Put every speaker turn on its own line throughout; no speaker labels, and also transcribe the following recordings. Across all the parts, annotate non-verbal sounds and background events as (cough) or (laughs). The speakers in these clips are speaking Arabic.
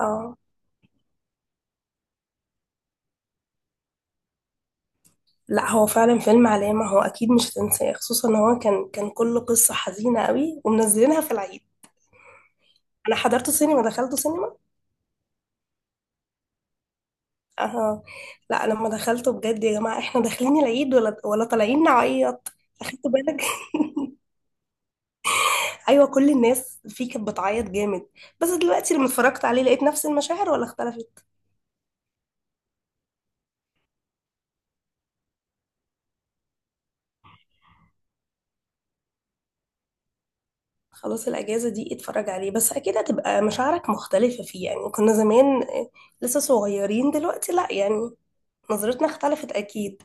اه، لا هو فعلا فيلم علامة. هو اكيد مش هتنساه، خصوصا ان هو كان كله قصة حزينة قوي ومنزلينها في العيد. انا حضرته سينما، دخلته سينما. اه، لا لما دخلته بجد يا جماعة، احنا داخلين العيد ولا طالعين نعيط؟ اخدت بالك؟ (laughs) ايوه، كل الناس فيه كانت بتعيط جامد. بس دلوقتي لما اتفرجت عليه لقيت نفس المشاعر، ولا اختلفت. خلاص، الاجازة دي اتفرج عليه، بس اكيد هتبقى مشاعرك مختلفة فيه، يعني كنا زمان آه، لسه صغيرين، دلوقتي لا، يعني نظرتنا اختلفت اكيد.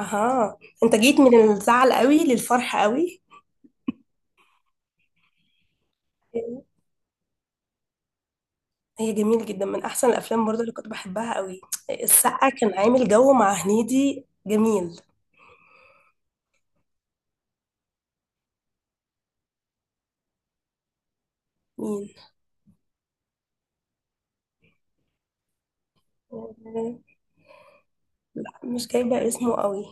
اها، انت جيت من الزعل قوي للفرح قوي. هي جميل جدا، من احسن الافلام برضه اللي كنت بحبها قوي. السقا كان عامل جو مع هنيدي جميل. مين؟ لا مش جايبه اسمه قوي.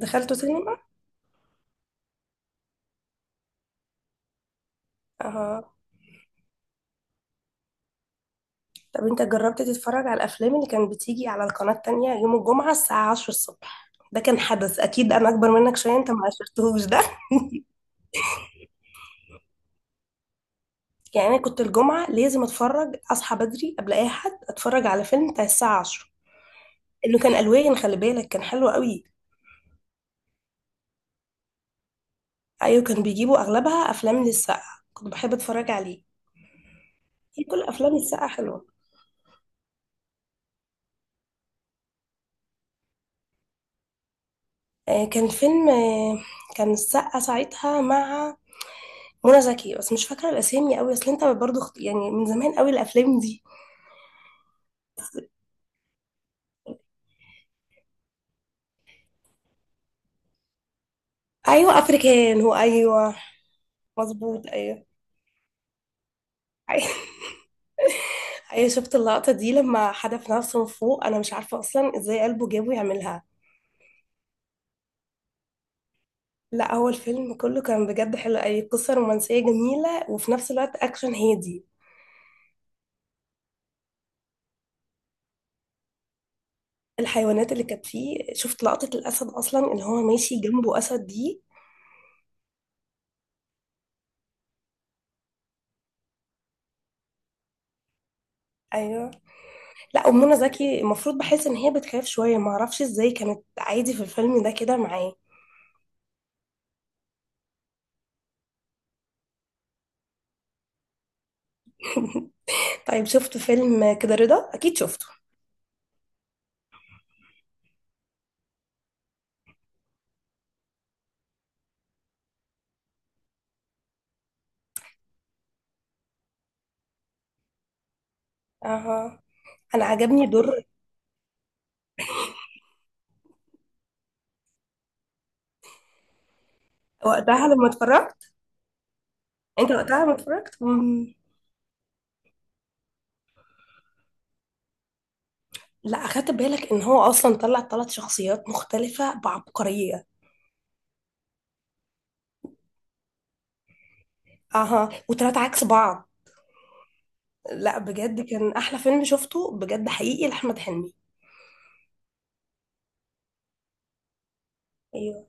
دخلته سينما. اها، طب انت جربت تتفرج على الافلام اللي كانت بتيجي على القناه التانية يوم الجمعه الساعه 10 الصبح؟ ده كان حدث اكيد، انا اكبر منك شويه، انت ما عشرتهوش ده. يعني انا كنت الجمعه لازم اتفرج، اصحى بدري قبل اي حد اتفرج على فيلم بتاع الساعه 10. انه كان الوان، خلي بالك، كان حلو قوي. ايوه، كان بيجيبوا اغلبها افلام للسقا، كنت بحب اتفرج عليه. هي كل افلام السقا حلوه. آه كان فيلم آه، كان السقا ساعتها مع منى زكي، بس مش فاكره الاسامي قوي، اصل انت برضو يعني من زمان قوي الافلام دي. ايوه افريكان، هو ايوه. مظبوط ايوه. (laughs) ايوه شفت اللقطه دي لما حدف نفسه من فوق؟ انا مش عارفه اصلا ازاي قلبه جابه يعملها. لا هو الفيلم كله كان بجد حلو، اي قصه رومانسيه جميله وفي نفس الوقت اكشن هادي. الحيوانات اللي كانت فيه، شفت لقطة الأسد أصلا اللي هو ماشي جنبه أسد دي؟ أيوه. لا أم منى زكي المفروض بحس إن هي بتخاف شوية، معرفش إزاي كانت عادي في الفيلم ده كده معاه. (laughs) طيب شفت فيلم كده رضا؟ أكيد شفته. أها، أنا عجبني دور وقتها لما اتفرجت، أنت وقتها لما اتفرجت لا أخدت بالك إن هو أصلا طلع ثلاث شخصيات مختلفة بعبقرية؟ أها، وثلاثة عكس بعض. لا بجد كان أحلى فيلم شفته بجد، حقيقي لأحمد حلمي. أيوه.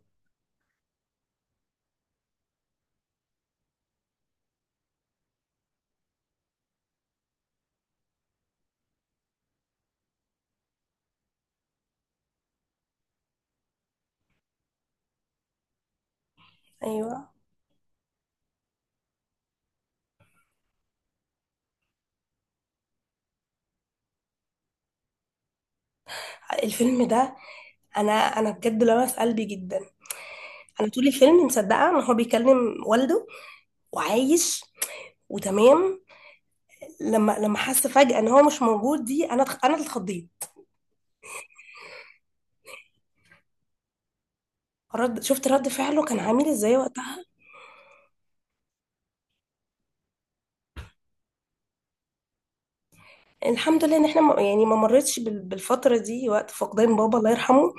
أيوه، الفيلم ده انا بجد لمس قلبي جدا. انا طول الفيلم مصدقه ان هو بيكلم والده وعايش وتمام. لما حس فجاه ان هو مش موجود دي، انا انا اللي اتخضيت. رد، شفت رد فعله كان عامل ازاي وقتها؟ الحمد لله ان احنا يعني ما مرتش بالفتره دي وقت فقدان بابا، الله يرحمه.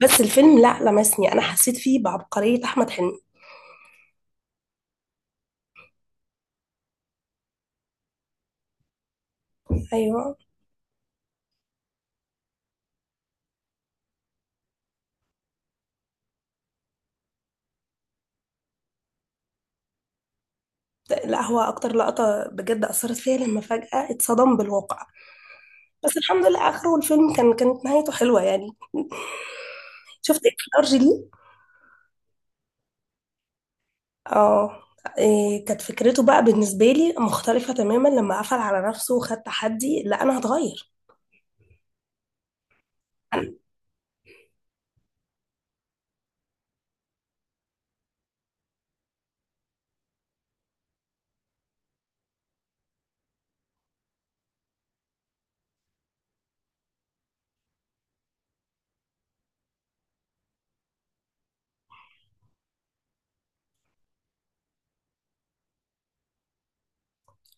بس الفيلم لا لمسني، انا حسيت فيه بعبقريه احمد حلمي. ايوه. لا هو اكتر لقطه بجد اثرت فيا لما فجاه اتصدم بالواقع. بس الحمد لله اخره الفيلم كان، كانت نهايته حلوه يعني. شفت ارجلي؟ اه، إيه كانت فكرته بقى بالنسبه لي مختلفه تماما، لما قفل على نفسه وخد تحدي لا انا هتغير.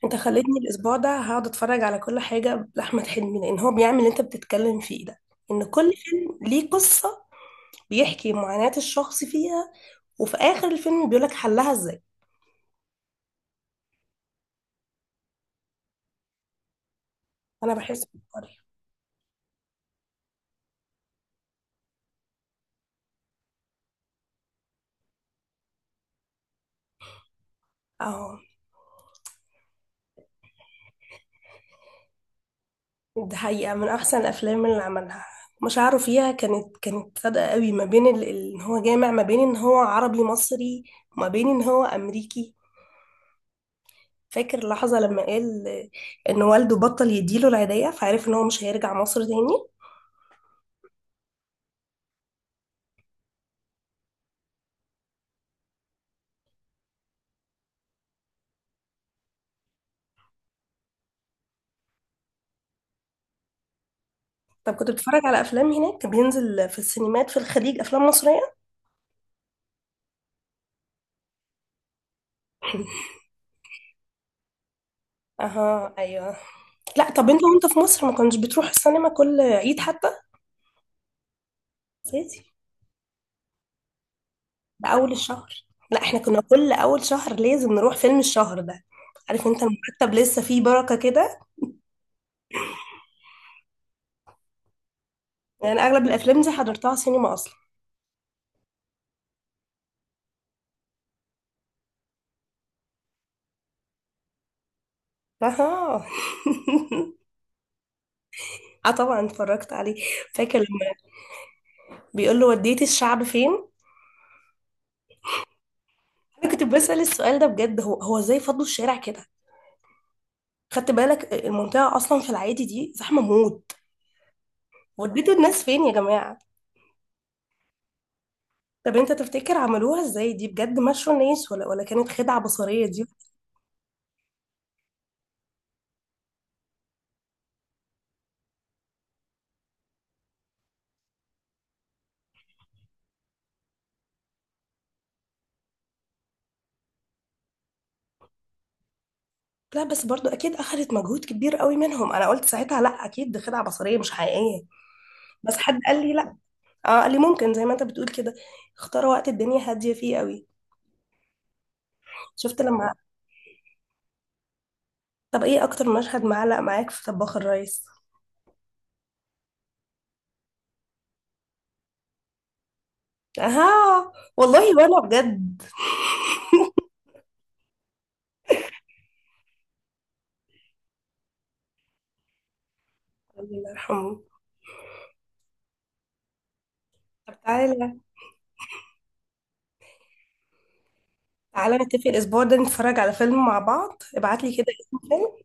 انت خليتني الاسبوع ده هقعد اتفرج على كل حاجه لاحمد حلمي، لان هو بيعمل اللي انت بتتكلم فيه ده. ان كل فيلم ليه قصه، بيحكي معاناه الشخص فيها، وفي اخر الفيلم بيقولك حلها ازاي. انا بحس بالطريقه. اه، دي حقيقة من أحسن الأفلام اللي عملها. مشاعره فيها كانت صادقة قوي، ما بين إن هو جامع ما بين إن هو عربي مصري، وما بين إن هو أمريكي. فاكر اللحظة لما قال إن والده بطل يديله العيدية، فعرف إن هو مش هيرجع مصر تاني. طب كنت بتتفرج على أفلام هناك؟ كان بينزل في السينمات في الخليج أفلام مصرية؟ أها أيوه. لا طب أنت وأنت في مصر ما كنتش بتروح السينما كل عيد حتى؟ أساسي. ده اول الشهر. لا احنا كنا كل اول شهر لازم نروح فيلم الشهر ده، عارف انت المرتب لسه فيه بركة كده. يعني اغلب الافلام دي حضرتها سينما اصلا. اها. (laughs) اه طبعا اتفرجت عليه. فاكر لما بيقول له وديتي الشعب فين؟ انا كنت بسأل السؤال ده بجد، هو هو ازاي فضوا الشارع كده؟ خدت بالك المنطقة اصلا في العادي دي زحمة موت؟ وديتوا الناس فين يا جماعة؟ طب انت تفتكر عملوها ازاي دي بجد؟ مشوا الناس ولا كانت خدعة بصرية دي؟ لا بس برضو اكيد اخذت مجهود كبير قوي منهم، انا قلت ساعتها لا اكيد دي خدعه بصريه مش حقيقيه. بس حد قال لي لا، اه قال لي ممكن زي ما انت بتقول كده، اختاروا وقت الدنيا هاديه فيه قوي. شفت لما، طب ايه اكتر مشهد معلق معاك في طباخ الريس؟ اها. والله وانا بجد. الله يرحمه. طب تعالى، تعالى نتفق الاسبوع ده نتفرج على فيلم مع بعض، ابعت لي كده اسم فيلم.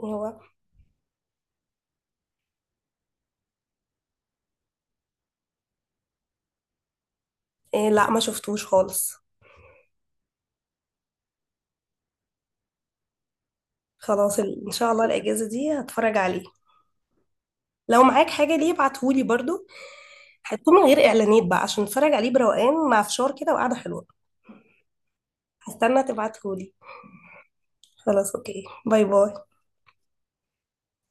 هو إيه؟ لا ما شفتوش خالص. خلاص، ان شاء الله الاجازه دي هتفرج عليه. لو معاك حاجه ليه ابعتهولي برضو، حطه من غير اعلانات بقى عشان اتفرج عليه بروقان مع فشار كده وقعده حلوه. هستنى تبعتهولي. خلاص اوكي، باي باي.